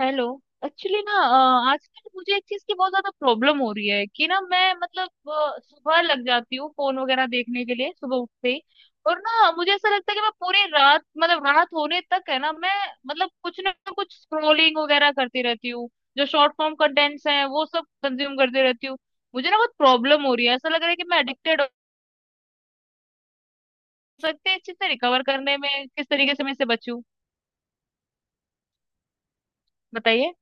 Hello. Actually ना आजकल मुझे एक चीज की बहुत ज्यादा प्रॉब्लम हो रही है कि ना मैं मतलब सुबह लग जाती हूँ फोन वगैरह देखने के लिए सुबह उठते ही। और ना मुझे ऐसा लगता है कि मैं पूरी रात मतलब रात होने तक है ना मैं मतलब कुछ ना कुछ स्क्रोलिंग वगैरह करती रहती हूँ। जो शॉर्ट फॉर्म कंटेंट्स हैं वो सब कंज्यूम करती रहती हूँ। मुझे ना बहुत प्रॉब्लम हो रही है, ऐसा लग रहा है कि मैं एडिक्टेड हो सकती है। इस चीज से रिकवर करने में किस तरीके से मैं इससे बचूं, बताइए।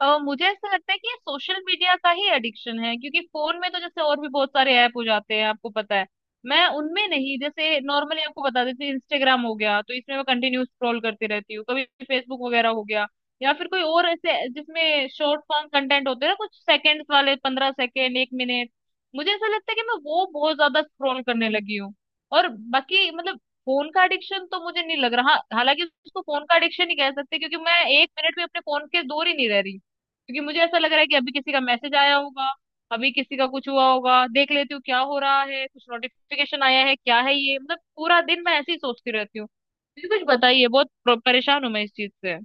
मुझे ऐसा लगता है कि ये सोशल मीडिया का ही एडिक्शन है, क्योंकि फोन में तो जैसे और भी बहुत सारे ऐप हो जाते हैं, आपको पता है मैं उनमें नहीं। जैसे नॉर्मली आपको बता देती हूँ, इंस्टाग्राम हो गया तो इसमें मैं कंटिन्यू स्क्रॉल करती रहती हूँ, कभी फेसबुक वगैरह हो गया या फिर कोई और ऐसे जिसमें शॉर्ट फॉर्म कंटेंट होते हैं ना, कुछ सेकंड्स वाले, पंद्रह सेकंड, एक मिनट। मुझे ऐसा लगता है कि मैं वो बहुत ज्यादा स्क्रॉल करने लगी हूँ। और बाकी मतलब फोन का एडिक्शन तो मुझे नहीं लग रहा, हाँ, हालांकि उसको फोन का एडिक्शन ही कह सकते हैं, क्योंकि मैं एक मिनट भी अपने फोन के दूर ही नहीं रह रही, क्योंकि मुझे ऐसा लग रहा है कि अभी किसी का मैसेज आया होगा, अभी किसी का कुछ हुआ होगा, देख लेती हूँ क्या हो रहा है, कुछ नोटिफिकेशन आया है, क्या है ये, मतलब पूरा दिन मैं ऐसे ही सोचती रहती हूँ। मुझे कुछ बताइए, बहुत परेशान हूँ मैं इस चीज से।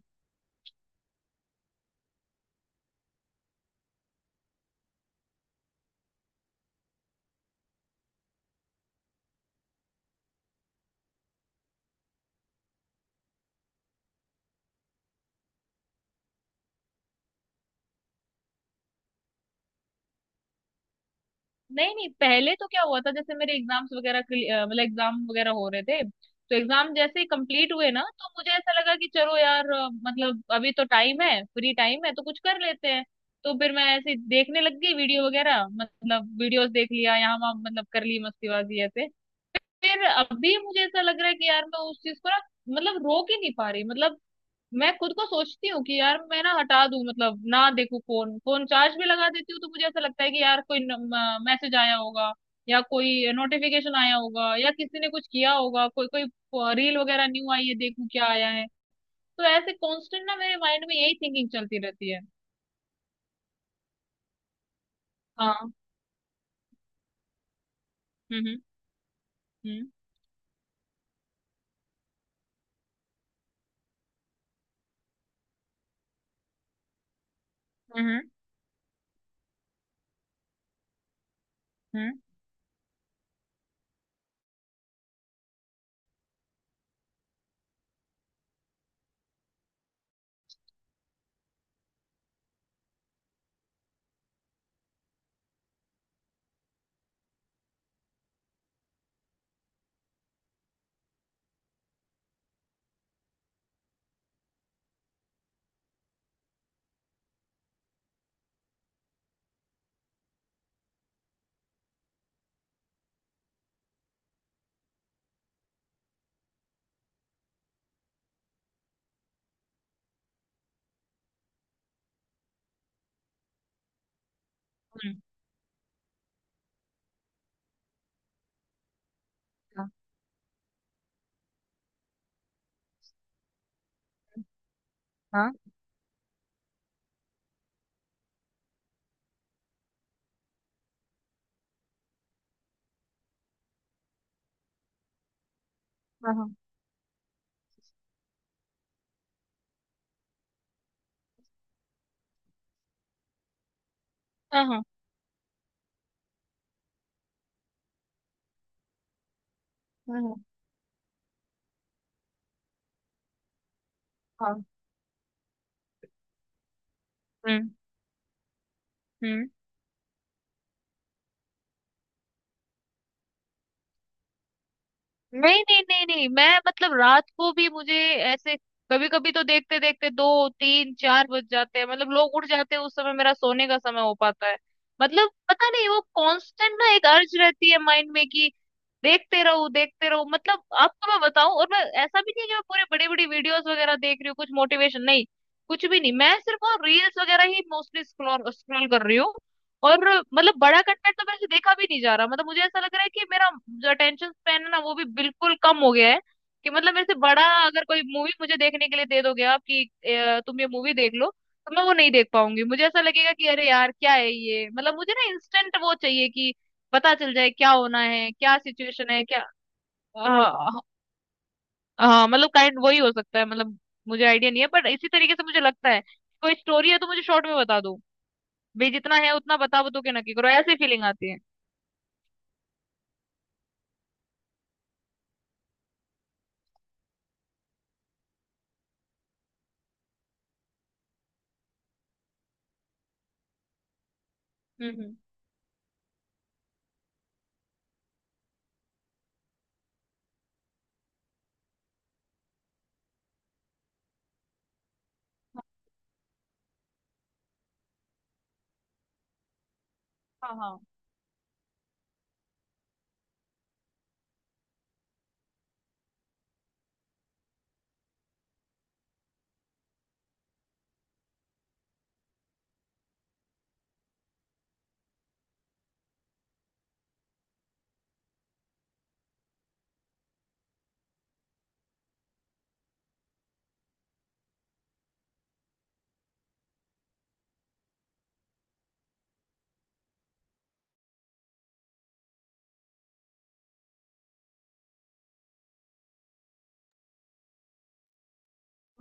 नहीं नहीं, पहले तो क्या हुआ था, जैसे मेरे एग्जाम्स वगैरह मतलब एग्जाम वगैरह हो रहे थे। तो एग्जाम जैसे ही कंप्लीट हुए ना, तो मुझे ऐसा लगा कि चलो यार मतलब अभी तो टाइम है, फ्री टाइम है, तो कुछ कर लेते हैं। तो फिर मैं ऐसे देखने लग गई वीडियो वगैरह, मतलब वीडियोस देख लिया यहाँ वहाँ, मतलब कर ली मस्तीबाजी ऐसे। फिर अभी मुझे ऐसा लग रहा है कि यार मैं उस चीज को ना मतलब रोक ही नहीं पा रही। मतलब मैं खुद को सोचती हूँ कि यार मैं ना हटा दूं, मतलब ना देखूं फोन, फोन चार्ज भी लगा देती हूँ तो मुझे ऐसा लगता है कि यार कोई मैसेज आया होगा या कोई नोटिफिकेशन आया होगा या किसी ने कुछ किया होगा, कोई कोई रील वगैरह न्यू आई है, देखूं क्या आया है। तो ऐसे कांस्टेंट ना मेरे माइंड में यही थिंकिंग चलती रहती है। हाँ। हम्म। हम्म। हम्म। हम्म। हम्म। हम्म, हाँ, हाँ, हाँ, हाँ, हाँ, हाँ, हाँ, हम्म, हम्म। नहीं नहीं नहीं नहीं, मैं मतलब रात को भी मुझे ऐसे कभी कभी तो देखते देखते दो तीन चार बज जाते हैं, मतलब लोग उठ जाते हैं उस समय मेरा सोने का समय हो पाता है। मतलब पता नहीं वो कांस्टेंट ना एक अर्ज रहती है माइंड में कि देखते रहो देखते रहो। मतलब आपको मैं बताऊं, और मैं ऐसा भी नहीं है कि मैं पूरे बड़ी बड़ी वीडियोस वगैरह देख रही हूँ, कुछ मोटिवेशन नहीं कुछ भी नहीं। मैं सिर्फ वो रील्स वगैरह ही मोस्टली स्क्रॉल स्क्रॉल कर रही हूँ। और मतलब बड़ा कंटेंट तो मेरे से देखा भी नहीं जा रहा, मतलब मुझे ऐसा लग रहा है कि मेरा जो अटेंशन स्पैन है ना, वो भी बिल्कुल कम हो गया है। कि मतलब मेरे से बड़ा अगर कोई मूवी मुझे देखने के लिए दे दोगे आप, कि तुम ये मूवी देख लो, तो मैं वो नहीं देख पाऊंगी। मुझे ऐसा लगेगा कि अरे यार क्या है ये, मतलब मुझे ना इंस्टेंट वो चाहिए कि पता चल जाए क्या होना है, क्या सिचुएशन है क्या। हाँ, हाँ मतलब काइंड वही हो सकता है, मतलब मुझे आइडिया नहीं है, बट इसी तरीके से मुझे लगता है। कोई स्टोरी है तो मुझे शॉर्ट में बता दो, भाई जितना है उतना बता दो, के ना कि करो ऐसी फीलिंग आती है। हम्म, हाँ, हाँ,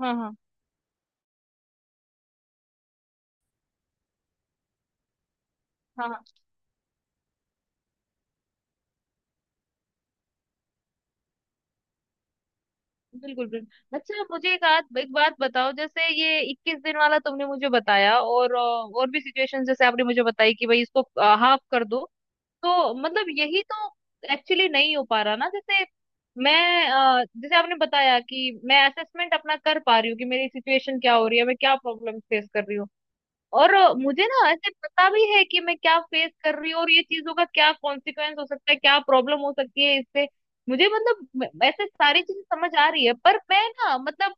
हाँ, हाँ, हाँ, हाँ बिल्कुल बिल्कुल। अच्छा मुझे एक एक बात बताओ, जैसे ये इक्कीस दिन वाला तुमने मुझे बताया और और भी सिचुएशन जैसे आपने मुझे बताई कि भाई इसको हाफ कर दो, तो मतलब यही तो एक्चुअली नहीं हो पा रहा ना। जैसे मैं जैसे आपने बताया कि मैं असेसमेंट अपना कर पा रही हूँ कि मेरी सिचुएशन क्या हो रही है, मैं क्या प्रॉब्लम फेस कर रही हूँ। और मुझे ना ऐसे पता भी है कि मैं क्या फेस कर रही हूँ और ये चीजों का क्या कॉन्सिक्वेंस हो सकता है, क्या प्रॉब्लम हो सकती है इससे। मुझे मतलब ऐसे सारी चीजें समझ आ रही है, पर मैं ना मतलब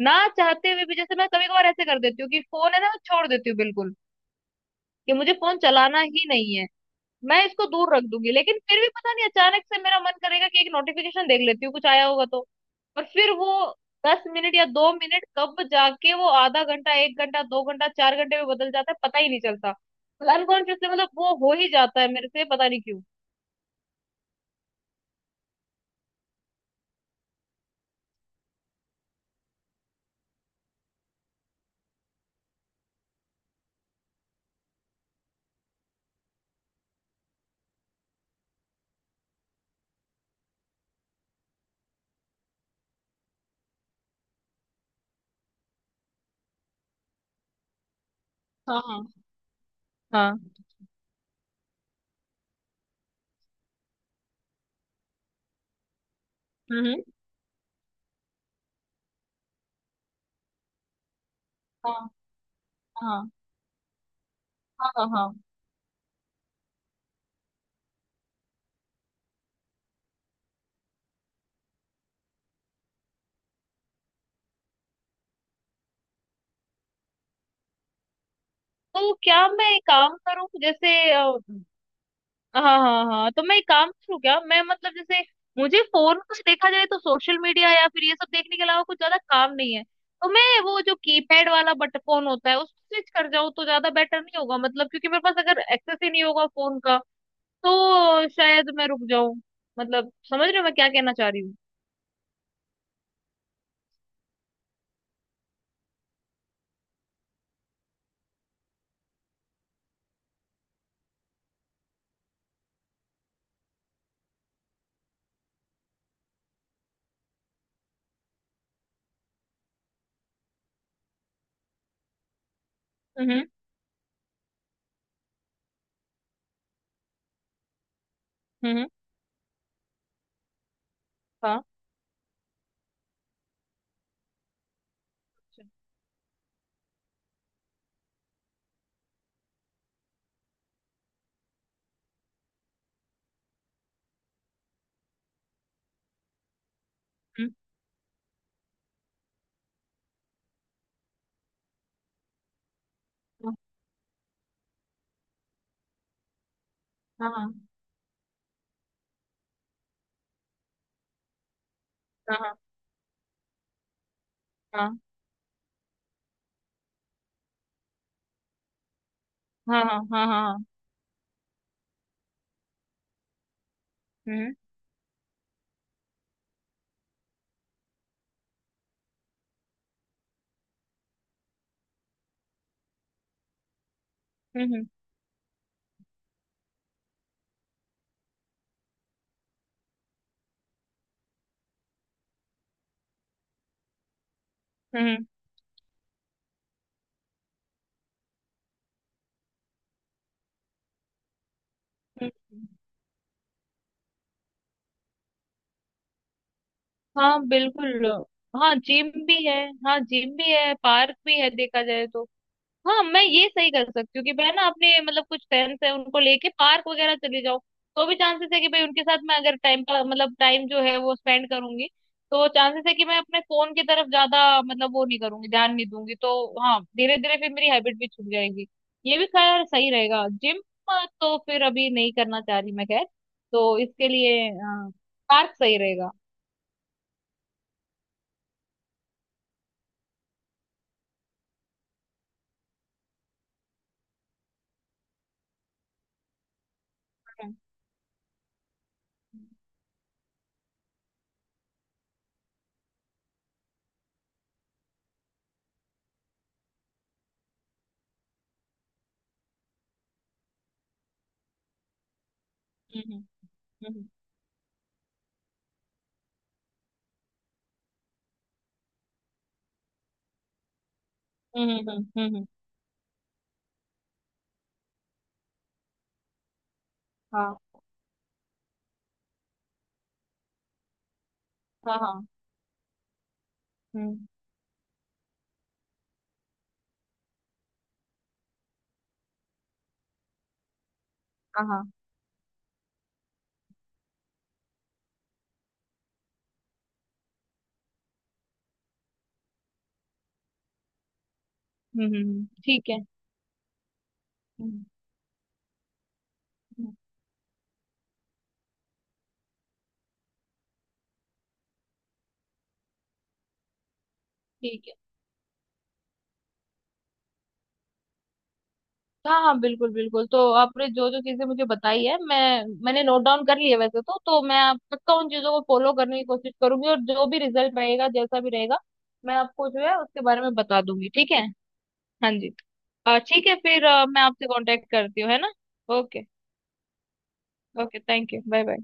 ना चाहते हुए भी जैसे मैं कभी कभार ऐसे कर देती हूँ कि फोन है ना, मैं छोड़ देती हूँ बिल्कुल कि मुझे फोन चलाना ही नहीं है, मैं इसको दूर रख दूंगी। लेकिन फिर भी पता नहीं अचानक से मेरा मन करेगा कि एक नोटिफिकेशन देख लेती हूँ, कुछ आया होगा। तो और फिर वो दस मिनट या दो मिनट कब जाके वो आधा घंटा, एक घंटा, दो घंटा, चार घंटे में बदल जाता है पता ही नहीं चलता, मतलब अनकॉन्शियसली, मतलब वो हो ही जाता है मेरे से पता नहीं क्यों। हाँ, हाँ, हम्म, हाँ, हाँ, हाँ, हाँ, हाँ। तो क्या मैं एक काम करूं जैसे? हाँ, हाँ, हाँ, तो मैं एक काम करूँ क्या, मैं मतलब जैसे मुझे फोन में कुछ देखा जाए तो सोशल मीडिया या फिर ये सब देखने के अलावा कुछ ज्यादा काम नहीं है, तो मैं वो जो कीपैड वाला बट फोन होता है उसको स्विच कर जाऊँ तो ज्यादा बेटर नहीं होगा, मतलब क्योंकि मेरे पास अगर एक्सेस ही नहीं होगा फोन का, तो शायद मैं रुक जाऊं। मतलब समझ रहे हो मैं क्या कहना चाह रही हूँ। हम्म, हम्म, हाँ, हम्म, हाँ, हाँ, हाँ, हाँ, हाँ, हाँ, हाँ, हाँ, हाँ, हम्म, हम्म, हम्म, हम्म, हम्म, हाँ बिल्कुल। हाँ जिम भी है, हाँ जिम भी है, पार्क भी है देखा जाए तो। हाँ मैं ये सही कर सकती हूँ कि मैं ना अपने मतलब कुछ फ्रेंड्स है उनको लेके पार्क वगैरह चली जाऊँ, तो भी चांसेस है कि भाई उनके साथ मैं अगर टाइम का, मतलब टाइम जो है वो स्पेंड करूंगी, तो चांसेस है कि मैं अपने फोन की तरफ ज्यादा मतलब वो नहीं करूंगी, ध्यान नहीं दूंगी। तो हाँ धीरे धीरे फिर मेरी हैबिट भी छूट जाएगी। ये भी खैर सही रहेगा जिम, तो फिर अभी नहीं करना चाह रही मैं खैर, तो इसके लिए हाँ, पार्क सही रहेगा। हम्म, हम्म, हम्म, हम्म, हम्म, हाँ, हाँ, हाँ, हम्म, हाँ, हाँ, हम्म, हम्म, ठीक है। हम्म, हम्म, ठीक है। हाँ हाँ बिल्कुल बिल्कुल, तो आपने जो जो चीजें मुझे बताई है, मैं मैंने नोट डाउन कर लिया वैसे तो। तो मैं आप पक्का उन चीजों को फॉलो करने की कोशिश करूंगी, और जो भी रिजल्ट रहेगा जैसा भी रहेगा मैं आपको जो है उसके बारे में बता दूंगी, ठीक है। हाँ जी। ठीक है फिर मैं आपसे कांटेक्ट करती हूँ, है ना। Okay, okay, thank you, bye bye.